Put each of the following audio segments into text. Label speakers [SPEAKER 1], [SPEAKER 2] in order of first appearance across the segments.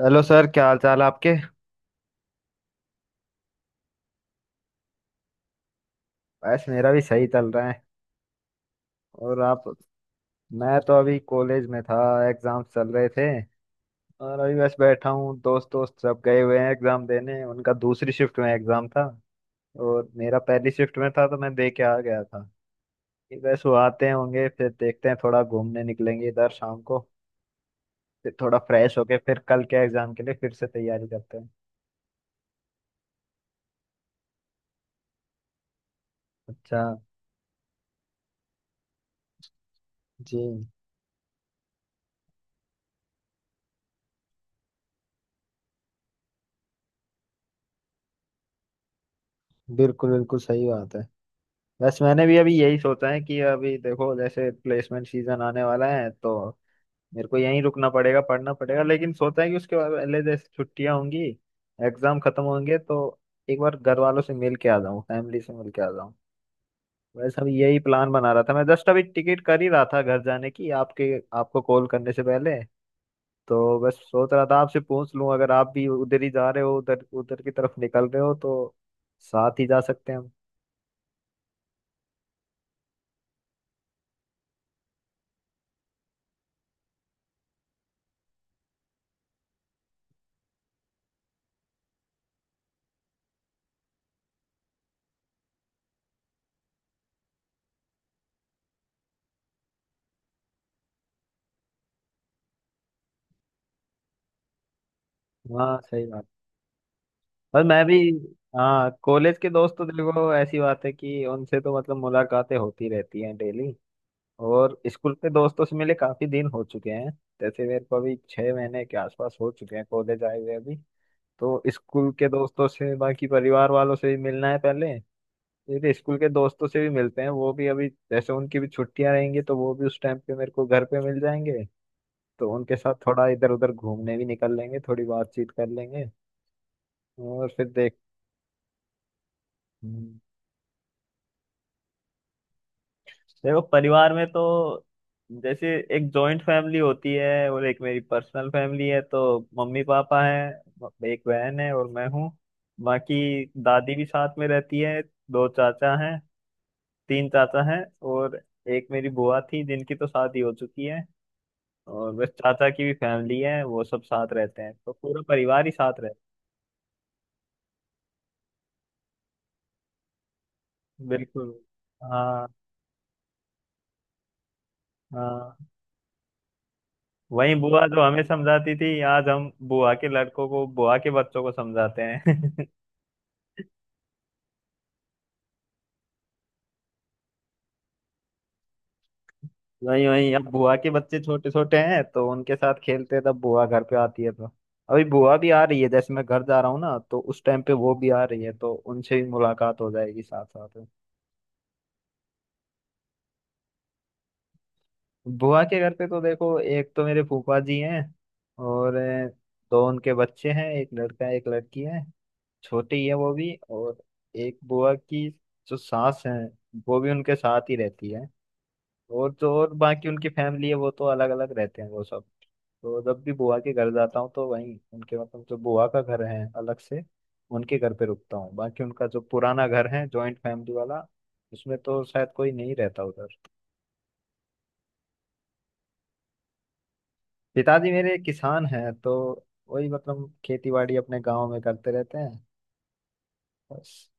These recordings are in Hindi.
[SPEAKER 1] हेलो सर, क्या हाल चाल आपके। बस मेरा भी सही चल रहा है। और आप? मैं तो अभी कॉलेज में था, एग्जाम चल रहे थे। और अभी बस बैठा हूँ, दोस्त दोस्त सब गए हुए हैं एग्जाम देने, उनका दूसरी शिफ्ट में एग्जाम था। और मेरा पहली शिफ्ट में था तो मैं दे के आ गया था कि बस वो आते होंगे, फिर देखते हैं, थोड़ा घूमने निकलेंगे इधर शाम को। फिर थोड़ा फ्रेश होके फिर कल के एग्जाम के लिए फिर से तैयारी करते हैं। अच्छा जी। बिल्कुल बिल्कुल सही बात है। बस मैंने भी अभी यही सोचा है कि अभी देखो जैसे प्लेसमेंट सीजन आने वाला है तो मेरे को यहीं रुकना पड़ेगा, पढ़ना पड़ेगा। लेकिन सोचा है कि उसके बाद पहले जैसे छुट्टियां होंगी, एग्जाम खत्म होंगे तो एक बार घर वालों से मिल के आ जाऊँ, फैमिली से मिल के आ जाऊँ। बस अभी यही प्लान बना रहा था, मैं जस्ट अभी टिकट कर ही रहा था घर जाने की आपके आपको कॉल करने से पहले। तो बस सोच रहा था आपसे पूछ लूं अगर आप भी उधर ही जा रहे हो, उधर उधर की तरफ निकल रहे हो तो साथ ही जा सकते हैं। हम हाँ, सही बात। और मैं भी। हाँ, कॉलेज के दोस्त तो देखो ऐसी बात है कि उनसे तो मतलब मुलाकातें होती रहती हैं डेली। और स्कूल के दोस्तों से मिले काफी दिन हो चुके हैं। जैसे मेरे को अभी छह महीने के आसपास हो चुके हैं कॉलेज आए हुए अभी। तो स्कूल के दोस्तों से, बाकी परिवार वालों से भी मिलना है पहले। फिर स्कूल के दोस्तों से भी मिलते हैं। वो भी अभी जैसे उनकी भी छुट्टियां रहेंगी तो वो भी उस टाइम पे मेरे को घर पे मिल जाएंगे। तो उनके साथ थोड़ा इधर उधर घूमने भी निकल लेंगे, थोड़ी बातचीत कर लेंगे। और फिर देख। हम्म। देखो परिवार में तो जैसे एक जॉइंट फैमिली होती है और एक मेरी पर्सनल फैमिली है। तो मम्मी पापा हैं, एक बहन है और मैं हूँ। बाकी दादी भी साथ में रहती है। दो चाचा हैं, तीन चाचा हैं, और एक मेरी बुआ थी जिनकी तो शादी हो चुकी है। और बस चाचा की भी फैमिली है, वो सब साथ रहते हैं, तो पूरा परिवार ही साथ रहता है। बिल्कुल। हाँ हाँ, वही बुआ जो हमें समझाती थी, आज हम बुआ के लड़कों को, बुआ के बच्चों को समझाते हैं। वही वही, अब बुआ के बच्चे छोटे छोटे हैं तो उनके साथ खेलते हैं, तब बुआ घर पे आती है तो। अभी बुआ भी आ रही है, जैसे मैं घर जा रहा हूँ ना तो उस टाइम पे वो भी आ रही है, तो उनसे भी मुलाकात हो जाएगी साथ साथ में। बुआ के घर पे तो देखो एक तो मेरे फूफा जी हैं, और दो उनके बच्चे हैं, एक लड़का है एक लड़की है, छोटी है वो भी। और एक बुआ की जो सास है वो भी उनके साथ ही रहती है। और जो और बाकी उनकी फैमिली है वो तो अलग अलग रहते हैं वो सब। तो जब भी बुआ के घर जाता हूँ तो वहीं उनके मतलब जो बुआ का घर है अलग से, उनके घर पे रुकता हूँ। बाकी उनका जो पुराना घर है, जॉइंट फैमिली वाला, उसमें तो शायद कोई नहीं रहता उधर। पिताजी मेरे किसान हैं तो वही मतलब खेती बाड़ी अपने गाँव में करते रहते हैं, बस।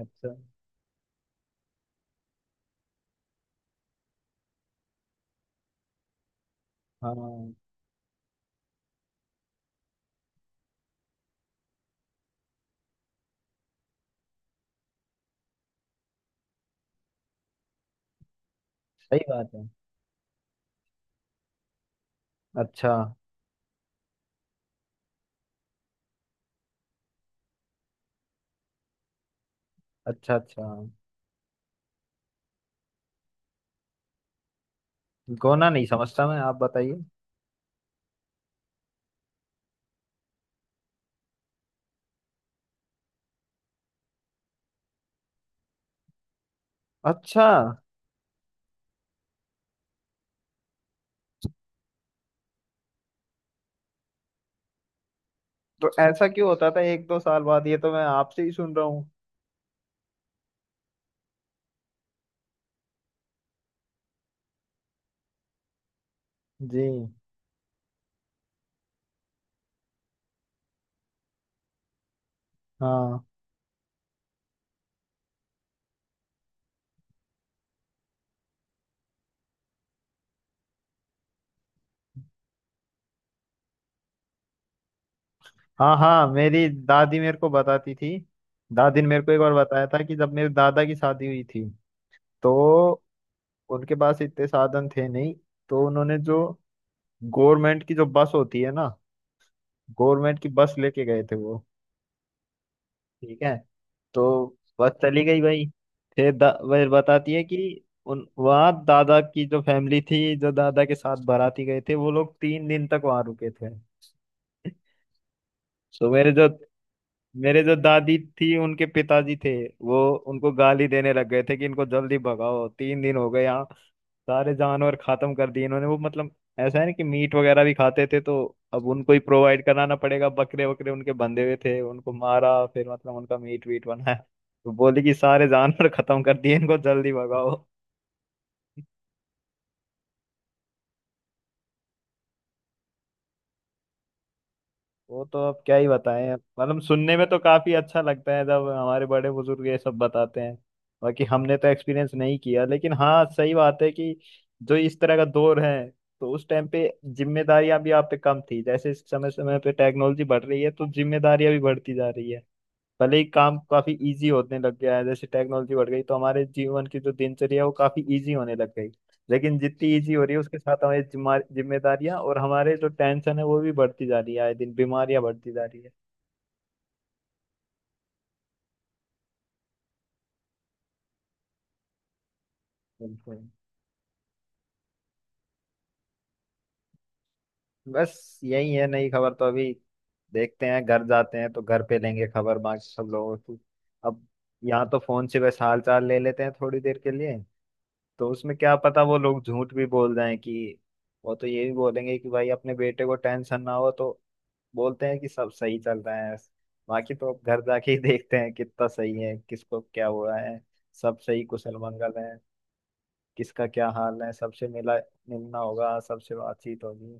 [SPEAKER 1] अच्छा। हाँ सही बात है। अच्छा अच्छा। अच्छा, गोना नहीं समझता मैं, आप बताइए। अच्छा। तो ऐसा क्यों होता था एक दो साल बाद? ये तो मैं आपसे ही सुन रहा हूँ। जी। हाँ हाँ, हाँ मेरी दादी मेरे को बताती थी। दादी ने मेरे को एक बार बताया था कि जब मेरे दादा की शादी हुई थी तो उनके पास इतने साधन थे नहीं, तो उन्होंने जो गवर्नमेंट की जो बस होती है ना, गवर्नमेंट की बस लेके गए थे वो। ठीक है। तो बस चली गई भाई। फिर वह बताती है कि उन वहाँ दादा की जो फैमिली थी, जो दादा के साथ बाराती गए थे, वो लोग तीन दिन तक वहां रुके थे। तो मेरे जो, मेरे जो दादी थी उनके पिताजी थे, वो उनको गाली देने लग गए थे कि इनको जल्दी भगाओ, तीन दिन हो गए यहाँ, सारे जानवर खत्म कर दिए इन्होंने। वो मतलब ऐसा है ना कि मीट वगैरह भी खाते थे तो अब उनको ही प्रोवाइड कराना पड़ेगा, बकरे वकरे उनके बंधे हुए थे, उनको मारा फिर मतलब उनका मीट वीट बनाया। तो बोले कि सारे जानवर खत्म कर दिए, इनको जल्दी भगाओ। वो तो अब क्या ही बताएं। अब मतलब सुनने में तो काफी अच्छा लगता है जब हमारे बड़े बुजुर्ग ये सब बताते हैं। बाकी हमने तो एक्सपीरियंस नहीं किया, लेकिन हाँ सही बात है कि जो इस तरह का दौर है, तो उस टाइम पे जिम्मेदारियां भी आप पे कम थी। जैसे समय समय पे टेक्नोलॉजी बढ़ रही है तो जिम्मेदारियां भी बढ़ती जा रही है। भले ही काम काफी इजी होने लग गया है, जैसे टेक्नोलॉजी बढ़ गई तो हमारे जीवन की जो दिनचर्या है वो काफी इजी होने लग गई, लेकिन जितनी इजी हो रही है उसके साथ हमारी जिम्मेदारियां और हमारे जो टेंशन है वो भी बढ़ती जा रही है, आए दिन बीमारियां बढ़ती जा रही है। बिल्कुल। बस यही है नई खबर तो अभी। देखते हैं, घर जाते हैं तो घर पे लेंगे खबर बाकी सब लोगों की। अब यहाँ तो फोन से बस हाल चाल ले लेते हैं थोड़ी देर के लिए, तो उसमें क्या पता वो लोग झूठ भी बोल जाएं कि, वो तो ये भी बोलेंगे कि भाई अपने बेटे को टेंशन ना हो तो बोलते हैं कि सब सही चल रहा है। बाकी तो अब घर जाके ही देखते हैं कितना सही है, किसको क्या हुआ है, सब सही कुशल मंगल है, किसका क्या हाल है, सबसे मिला, मिलना होगा सबसे, बातचीत होगी।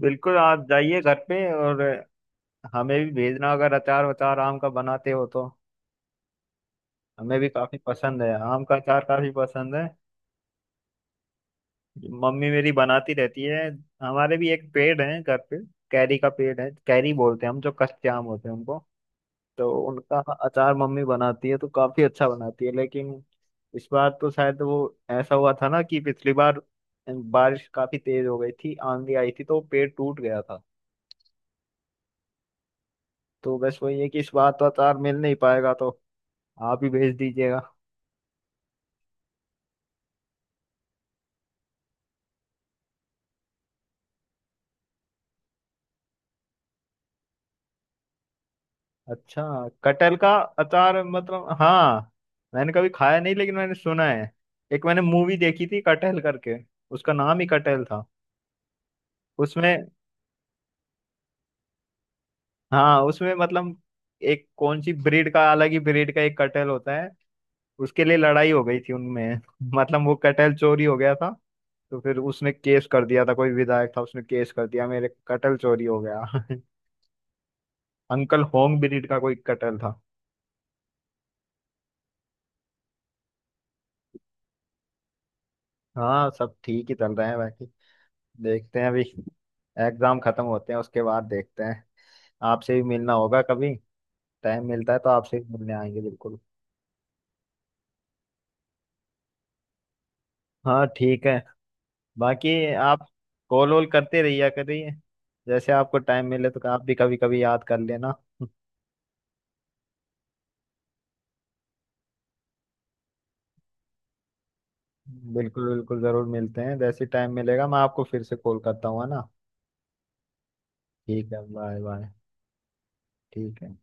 [SPEAKER 1] बिल्कुल आप जाइए घर पे। और हमें भी भेजना अगर अचार वचार आम का बनाते हो तो, हमें भी काफी पसंद है आम का अचार, काफी पसंद है। मम्मी मेरी बनाती रहती है। हमारे भी एक पेड़ है घर पे, कैरी का पेड़ है, कैरी बोलते हैं हम जो कच्चे आम होते हैं उनको, तो उनका अचार मम्मी बनाती है तो काफी अच्छा बनाती है। लेकिन इस बार तो शायद वो, ऐसा हुआ था ना कि पिछली बार बारिश काफी तेज हो गई थी, आंधी आई थी तो पेड़ टूट गया था। तो बस वही है कि इस बार तो अचार मिल नहीं पाएगा, तो आप ही भेज दीजिएगा। अच्छा, कटहल का अचार मतलब? हाँ मैंने कभी खाया नहीं, लेकिन मैंने सुना है। एक मैंने मूवी देखी थी, कटहल करके, उसका नाम ही कटहल था। उसमें, हाँ उसमें मतलब एक कौन सी ब्रीड का, अलग ही ब्रीड का एक कटहल होता है, उसके लिए लड़ाई हो गई थी उनमें। मतलब वो कटहल चोरी हो गया था, तो फिर उसने केस कर दिया था, कोई विधायक था उसने केस कर दिया मेरे कटहल चोरी हो गया। अंकल होम ब्रीड का कोई कटहल था। हाँ सब ठीक ही चल रहे हैं, बाकी देखते हैं अभी, एग्जाम खत्म होते हैं उसके बाद देखते हैं। आपसे भी मिलना होगा कभी, टाइम मिलता है तो आपसे भी मिलने आएंगे बिल्कुल। हाँ ठीक है। बाकी आप कॉल वॉल करते रहिए, करिए, जैसे आपको टाइम मिले तो आप भी कभी कभी याद कर लेना। बिल्कुल बिल्कुल, जरूर मिलते हैं, जैसे टाइम मिलेगा मैं आपको फिर से कॉल करता हूँ, है ना। ठीक है, बाय बाय। ठीक है।